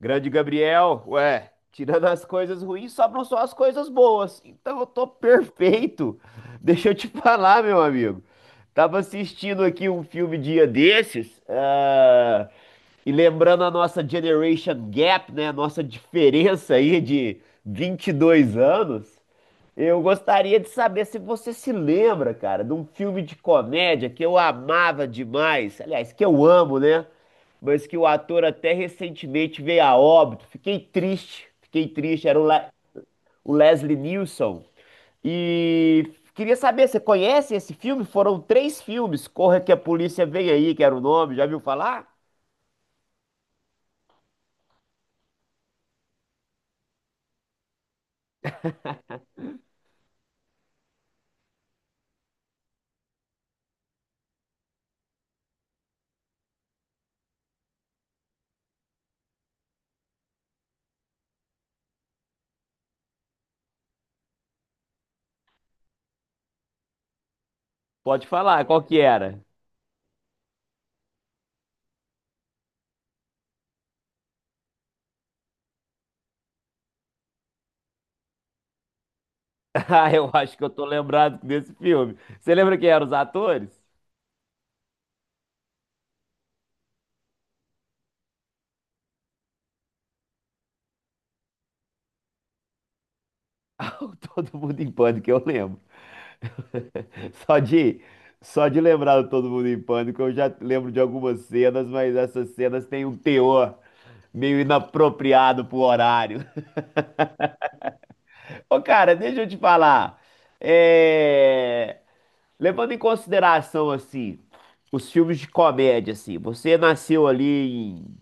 Grande Gabriel, ué, tirando as coisas ruins, sobram só as coisas boas. Então eu tô perfeito. Deixa eu te falar, meu amigo. Tava assistindo aqui um filme dia desses, e lembrando a nossa generation gap, né? A nossa diferença aí de 22 anos. Eu gostaria de saber se você se lembra, cara, de um filme de comédia que eu amava demais. Aliás, que eu amo, né, mas que o ator até recentemente veio a óbito. Fiquei triste, fiquei triste. Era o Leslie Nielsen. E queria saber, você conhece esse filme? Foram três filmes. Corra que a polícia vem aí, que era o nome. Já viu falar? Pode falar, qual que era? Ah, eu acho que eu tô lembrado desse filme. Você lembra quem eram os atores? Ah, o Todo Mundo em Pânico, eu lembro. Só de, só de lembrar do Todo Mundo em Pânico, eu já lembro de algumas cenas, mas essas cenas têm um teor meio inapropriado pro horário. Ô, cara, deixa eu te falar. É, levando em consideração, assim, os filmes de comédia, assim, você nasceu ali em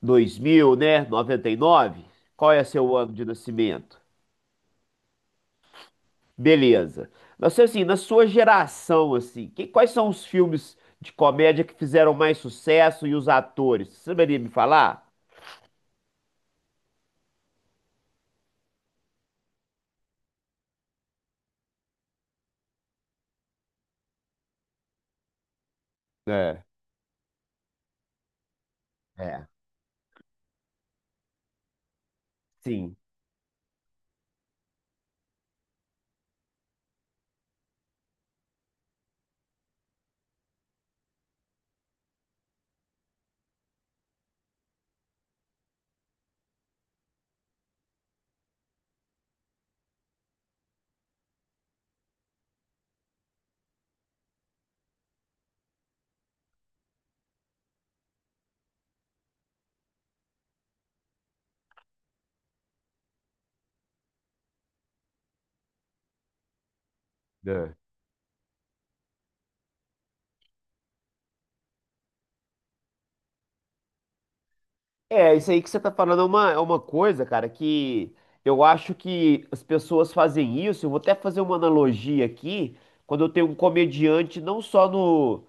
2000, né? 99? Qual é seu ano de nascimento? Beleza. Mas assim, na sua geração, assim, quais são os filmes de comédia que fizeram mais sucesso e os atores? Você saberia me falar? É, é. Sim. É. É, isso aí que você tá falando é uma coisa, cara, que eu acho que as pessoas fazem isso. Eu vou até fazer uma analogia aqui, quando eu tenho um comediante, não só no,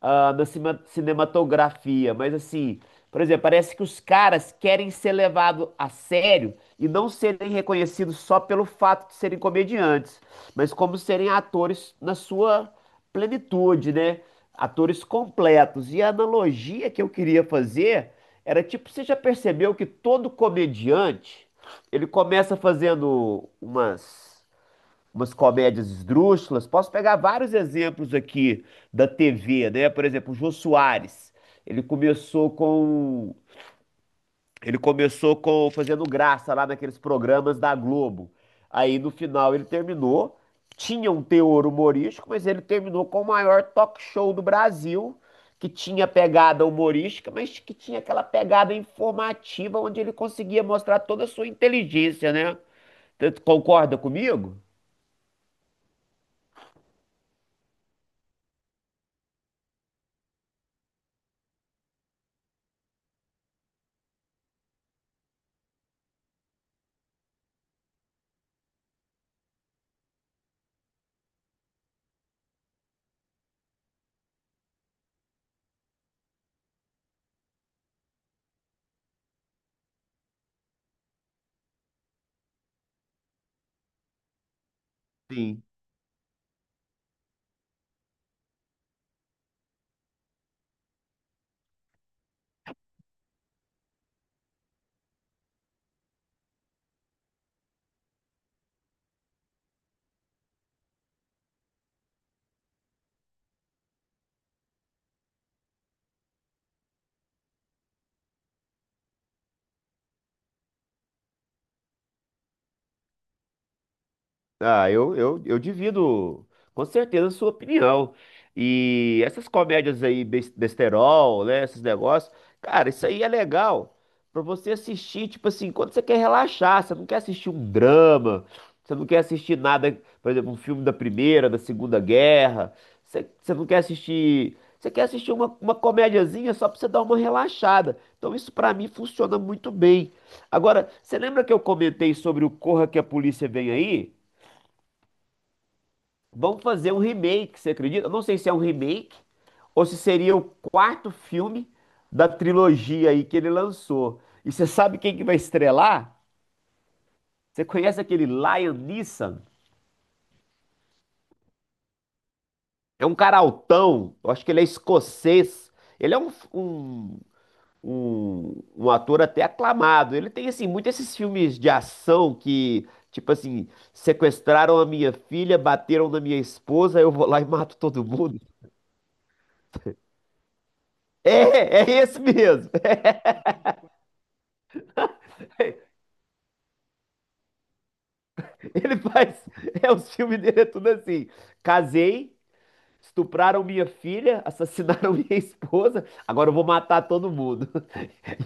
ah, na cima- cinematografia, mas assim, por exemplo, parece que os caras querem ser levados a sério e não serem reconhecidos só pelo fato de serem comediantes, mas como serem atores na sua plenitude, né? Atores completos. E a analogia que eu queria fazer era tipo, você já percebeu que todo comediante, ele começa fazendo umas comédias esdrúxulas. Posso pegar vários exemplos aqui da TV, né? Por exemplo, o Jô Soares. Ele começou com ele começou com fazendo graça lá naqueles programas da Globo. Aí no final ele terminou, tinha um teor humorístico, mas ele terminou com o maior talk show do Brasil, que tinha pegada humorística, mas que tinha aquela pegada informativa onde ele conseguia mostrar toda a sua inteligência, né? Concorda comigo? Sim. Ah, eu divido com certeza a sua opinião. E essas comédias aí, besterol, né? Esses negócios, cara, isso aí é legal pra você assistir, tipo assim, quando você quer relaxar, você não quer assistir um drama, você não quer assistir nada, por exemplo, um filme da Primeira, da Segunda Guerra, você não quer assistir. Você quer assistir uma comédiazinha só pra você dar uma relaxada. Então isso pra mim funciona muito bem. Agora, você lembra que eu comentei sobre o Corra que a Polícia Vem Aí? Vão fazer um remake, você acredita? Eu não sei se é um remake ou se seria o quarto filme da trilogia aí que ele lançou. E você sabe quem que vai estrelar? Você conhece aquele Liam Neeson? É um cara altão, eu acho que ele é escocês. Ele é um ator até aclamado. Ele tem, assim, muitos esses filmes de ação que, tipo assim, sequestraram a minha filha, bateram na minha esposa, eu vou lá e mato todo mundo. É, é esse mesmo. Ele faz. É, os filmes dele é tudo assim. Casei, estupraram minha filha, assassinaram minha esposa, agora eu vou matar todo mundo.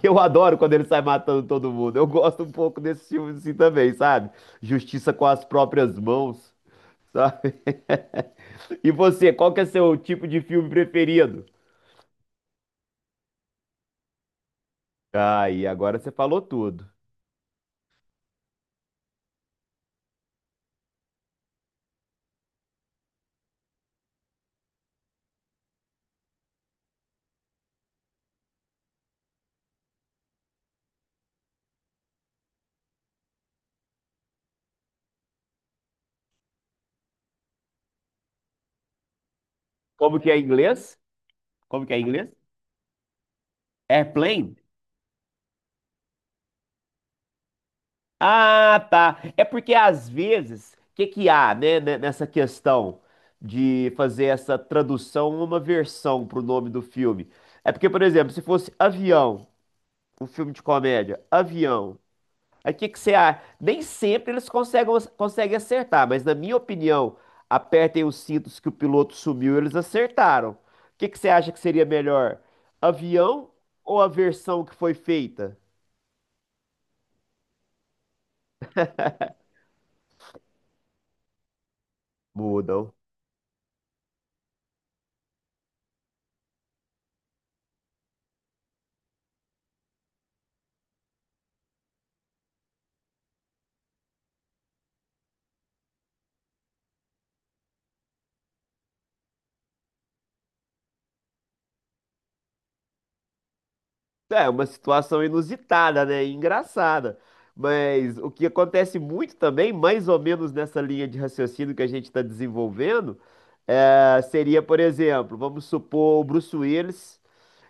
E eu adoro quando ele sai matando todo mundo. Eu gosto um pouco desse filme assim também, sabe? Justiça com as próprias mãos, sabe? E você, qual que é seu tipo de filme preferido? Ah, e agora você falou tudo. Como que é em inglês? Como que é em inglês? Airplane? Ah, tá. É porque às vezes, o que que há, né, nessa questão de fazer essa tradução uma versão pro nome do filme? É porque, por exemplo, se fosse Avião, um filme de comédia, Avião, aí o que que você acha? Nem sempre eles conseguem acertar, mas na minha opinião, apertem os cintos que o piloto sumiu, eles acertaram. O que que você acha que seria melhor? Avião ou a versão que foi feita? Mudam. É uma situação inusitada, né, e engraçada. Mas o que acontece muito também, mais ou menos nessa linha de raciocínio que a gente está desenvolvendo, seria, por exemplo, vamos supor o Bruce Willis.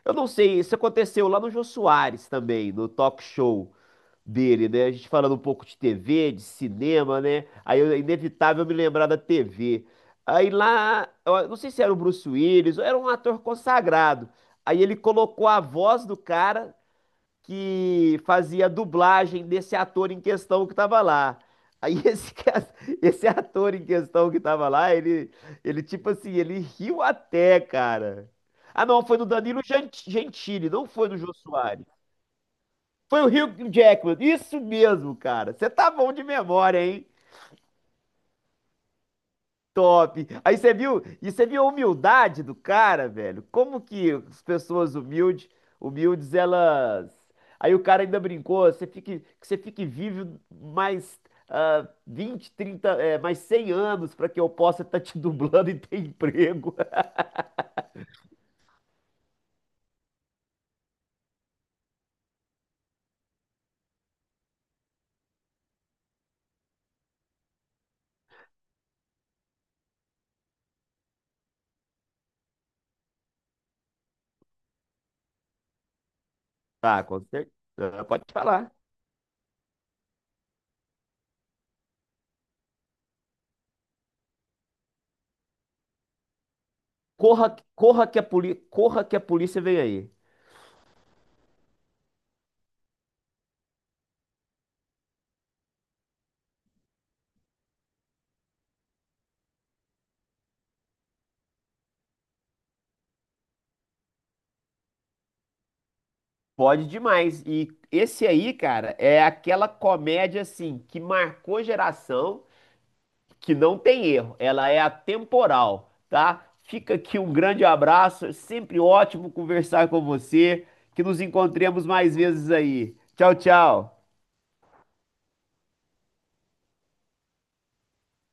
Eu não sei, isso aconteceu lá no Jô Soares também, no talk show dele, né? A gente falando um pouco de TV, de cinema, né? Aí é inevitável me lembrar da TV. Aí lá, eu não sei se era o Bruce Willis, ou era um ator consagrado. Aí ele colocou a voz do cara que fazia a dublagem desse ator em questão que estava lá. Aí esse ator em questão que estava lá, ele tipo assim, ele riu até, cara. Ah, não, foi no Danilo Gentili, não foi no Jô Soares. Foi o Hugh Jackman, isso mesmo, cara. Você tá bom de memória, hein? Top. Aí você viu, e você viu a humildade do cara, velho? Como que as pessoas humildes, humildes, elas. Aí o cara ainda brincou, você fique, que você fique vivo mais 20, 30, mais 100 anos para que eu possa estar te dublando e ter emprego. Tá, com certeza. Pode falar. Corra que a polícia vem aí. Pode demais. E esse aí, cara, é aquela comédia assim que marcou geração. Que não tem erro, ela é atemporal, tá? Fica aqui um grande abraço, é sempre ótimo conversar com você, que nos encontremos mais vezes aí. Tchau, tchau.